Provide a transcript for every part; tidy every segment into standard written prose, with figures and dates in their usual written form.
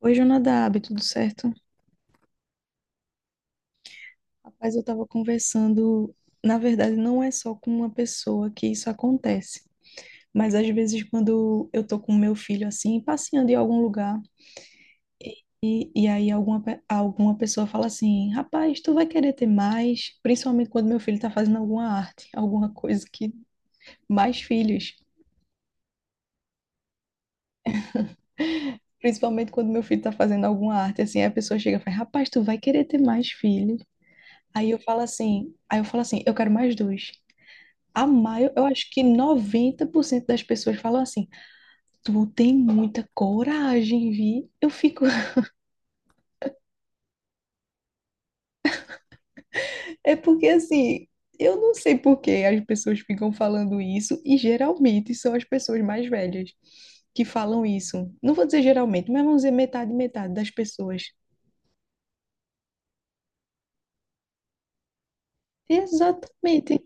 Oi, Jonadab, tudo certo? Rapaz, eu estava conversando. Na verdade, não é só com uma pessoa que isso acontece, mas às vezes, quando eu tô com meu filho assim, passeando em algum lugar, e aí alguma pessoa fala assim: rapaz, tu vai querer ter mais? Principalmente quando meu filho está fazendo alguma arte, alguma coisa que. Mais filhos. Principalmente quando meu filho está fazendo alguma arte, assim, aí a pessoa chega e fala: rapaz, tu vai querer ter mais filhos? Aí eu falo assim, eu quero mais dois. A maio, eu acho que 90% das pessoas falam assim: tu tem muita coragem, Vi. Eu fico. É porque assim, eu não sei por que as pessoas ficam falando isso, e geralmente são as pessoas mais velhas que falam isso. Não vou dizer geralmente, mas vamos dizer metade, metade das pessoas. Exatamente.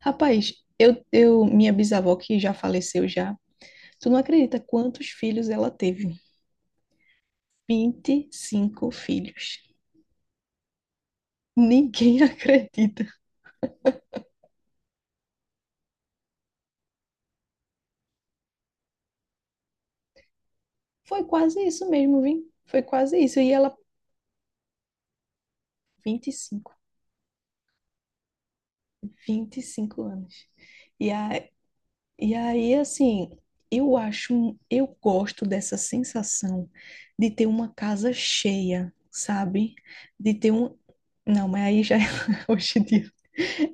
Rapaz, eu, minha bisavó que já faleceu já, tu não acredita quantos filhos ela teve? 25 filhos. Ninguém acredita. Foi quase isso mesmo, vim. Foi quase isso. E ela, vinte vinte e cinco 25 anos. E, a, e aí, assim, eu acho, eu gosto dessa sensação de ter uma casa cheia, sabe? De ter um. Não, mas aí já hoje em dia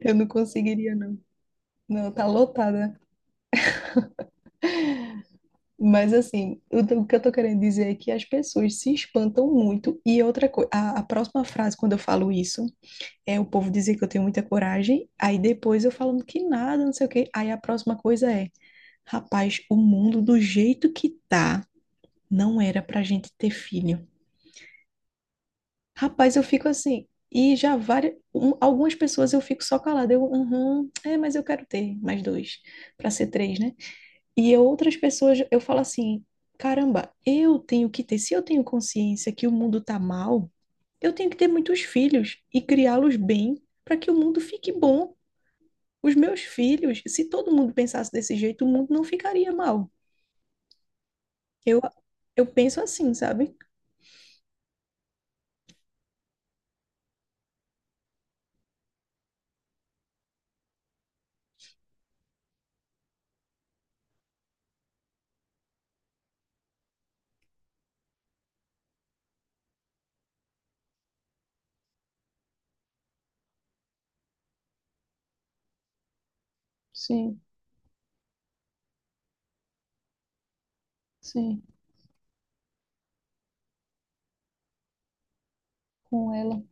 eu não conseguiria, não. Não, tá lotada. Mas assim, o que eu tô querendo dizer é que as pessoas se espantam muito. E outra coisa, a próxima frase, quando eu falo isso, é o povo dizer que eu tenho muita coragem, aí depois eu falando que nada, não sei o quê. Aí a próxima coisa é, rapaz, o mundo do jeito que tá, não era pra gente ter filho. Rapaz, eu fico assim, e já várias, algumas pessoas eu fico só calada, eu, uhum, é, mas eu quero ter mais dois, pra ser três, né? E outras pessoas eu falo assim, caramba, eu tenho que ter, se eu tenho consciência que o mundo tá mal, eu tenho que ter muitos filhos e criá-los bem para que o mundo fique bom. Os meus filhos, se todo mundo pensasse desse jeito, o mundo não ficaria mal. Eu, eu penso assim, sabe? Sim, sim, com ela.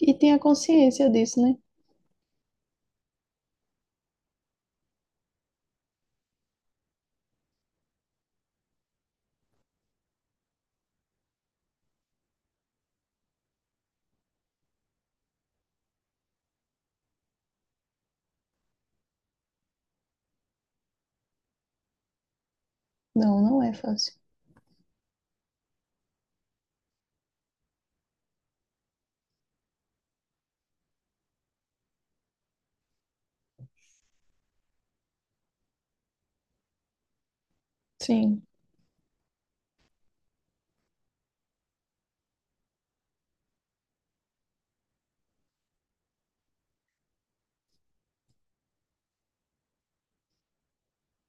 E tenha consciência disso, né? Não, não é fácil. Sim,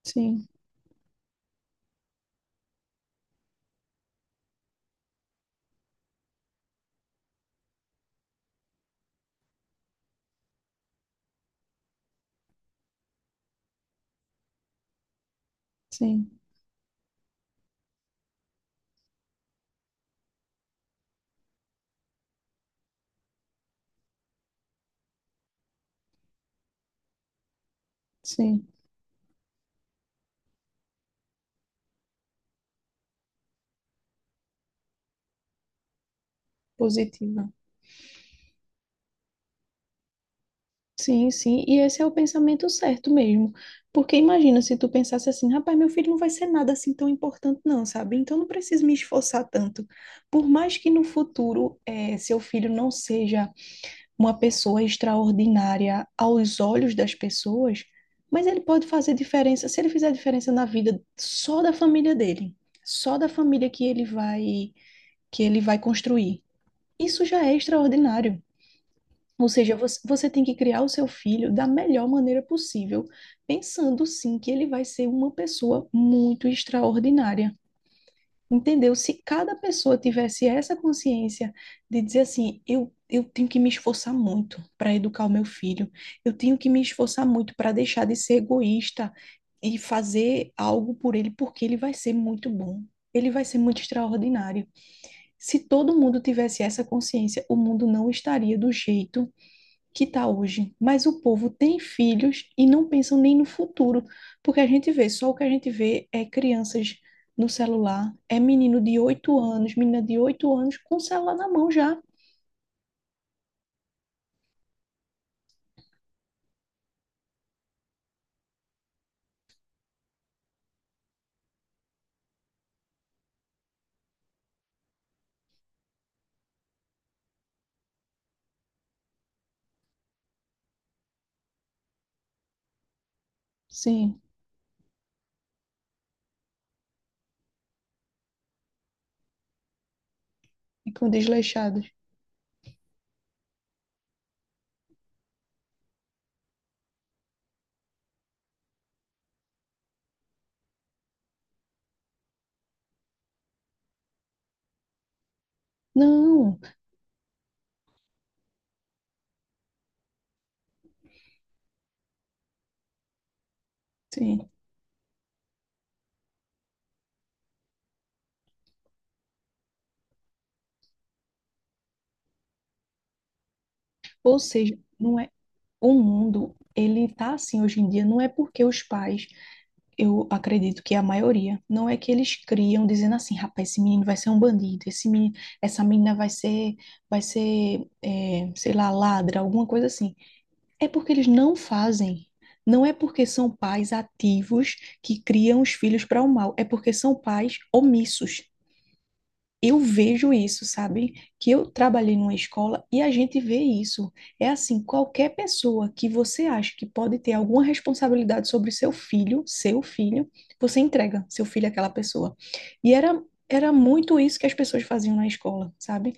sim, sim, sim. Positiva. Sim, sim. E esse é o pensamento certo mesmo. Porque imagina se tu pensasse assim, rapaz, meu filho não vai ser nada assim tão importante, não, sabe? Então não preciso me esforçar tanto. Por mais que no futuro seu filho não seja uma pessoa extraordinária aos olhos das pessoas, mas ele pode fazer diferença se ele fizer diferença na vida só da família dele, só da família que ele vai construir. Isso já é extraordinário. Ou seja, você tem que criar o seu filho da melhor maneira possível, pensando sim que ele vai ser uma pessoa muito extraordinária. Entendeu? Se cada pessoa tivesse essa consciência de dizer assim, eu tenho que me esforçar muito para educar o meu filho, eu tenho que me esforçar muito para deixar de ser egoísta e fazer algo por ele, porque ele vai ser muito bom, ele vai ser muito extraordinário. Se todo mundo tivesse essa consciência, o mundo não estaria do jeito que está hoje, mas o povo tem filhos e não pensam nem no futuro, porque a gente vê, só o que a gente vê é crianças no celular, é menino de 8 anos, menina de 8 anos com o celular na mão já. Sim, e com desleixados. Não, sim. Ou seja, não é o mundo, ele tá assim hoje em dia, não é porque os pais. Eu acredito que é a maioria. Não é que eles criam dizendo assim, rapaz, esse menino vai ser um bandido, esse menino, essa menina vai ser, é, sei lá, ladra, alguma coisa assim. É porque eles não fazem. Não é porque são pais ativos que criam os filhos para o mal, é porque são pais omissos. Eu vejo isso, sabe? Que eu trabalhei numa escola e a gente vê isso. É assim, qualquer pessoa que você acha que pode ter alguma responsabilidade sobre seu filho, você entrega seu filho àquela pessoa. E era, era muito isso que as pessoas faziam na escola, sabe?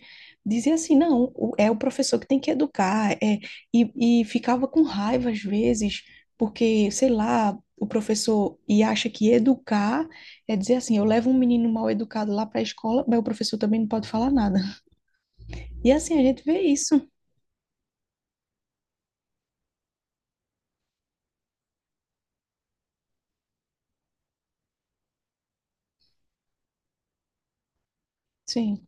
Dizia assim, não, é o professor que tem que educar, é, e ficava com raiva às vezes, porque, sei lá, o professor e acha que educar é dizer assim, eu levo um menino mal educado lá para a escola, mas o professor também não pode falar nada. E assim, a gente vê isso. Sim,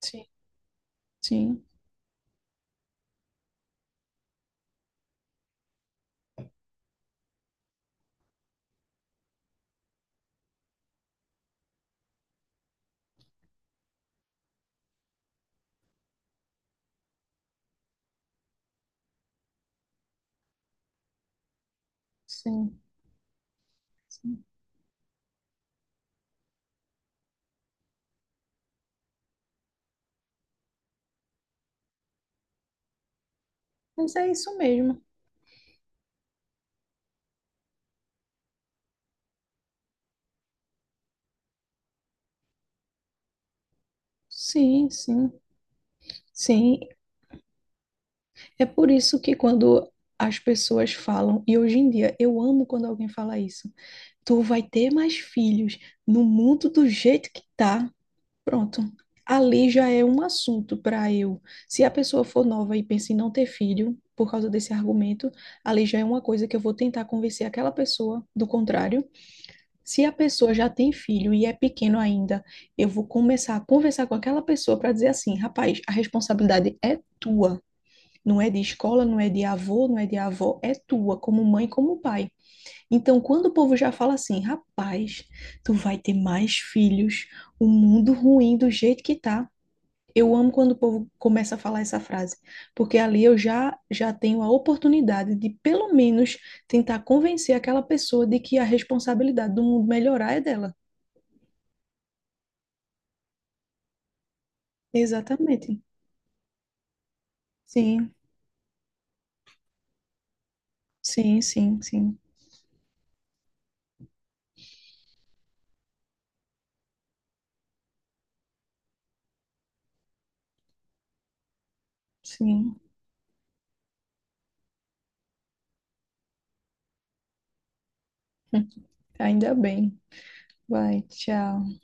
sim, sim, sim, sim. Mas é isso mesmo. Sim, sim, sim. É por isso que quando as pessoas falam, e hoje em dia eu amo quando alguém fala isso, tu vai ter mais filhos no mundo do jeito que tá. Pronto. Ali já é um assunto para eu. Se a pessoa for nova e pensa em não ter filho por causa desse argumento, ali já é uma coisa que eu vou tentar convencer aquela pessoa do contrário. Se a pessoa já tem filho e é pequeno ainda, eu vou começar a conversar com aquela pessoa para dizer assim: rapaz, a responsabilidade é tua. Não é de escola, não é de avô, não é de avó, é tua, como mãe, como pai. Então, quando o povo já fala assim, rapaz, tu vai ter mais filhos, o mundo ruim do jeito que tá. Eu amo quando o povo começa a falar essa frase, porque ali eu já tenho a oportunidade de pelo menos tentar convencer aquela pessoa de que a responsabilidade do mundo melhorar é dela. Exatamente. Sim, sim, sim, sim, sim. Ainda bem. Vai, tchau.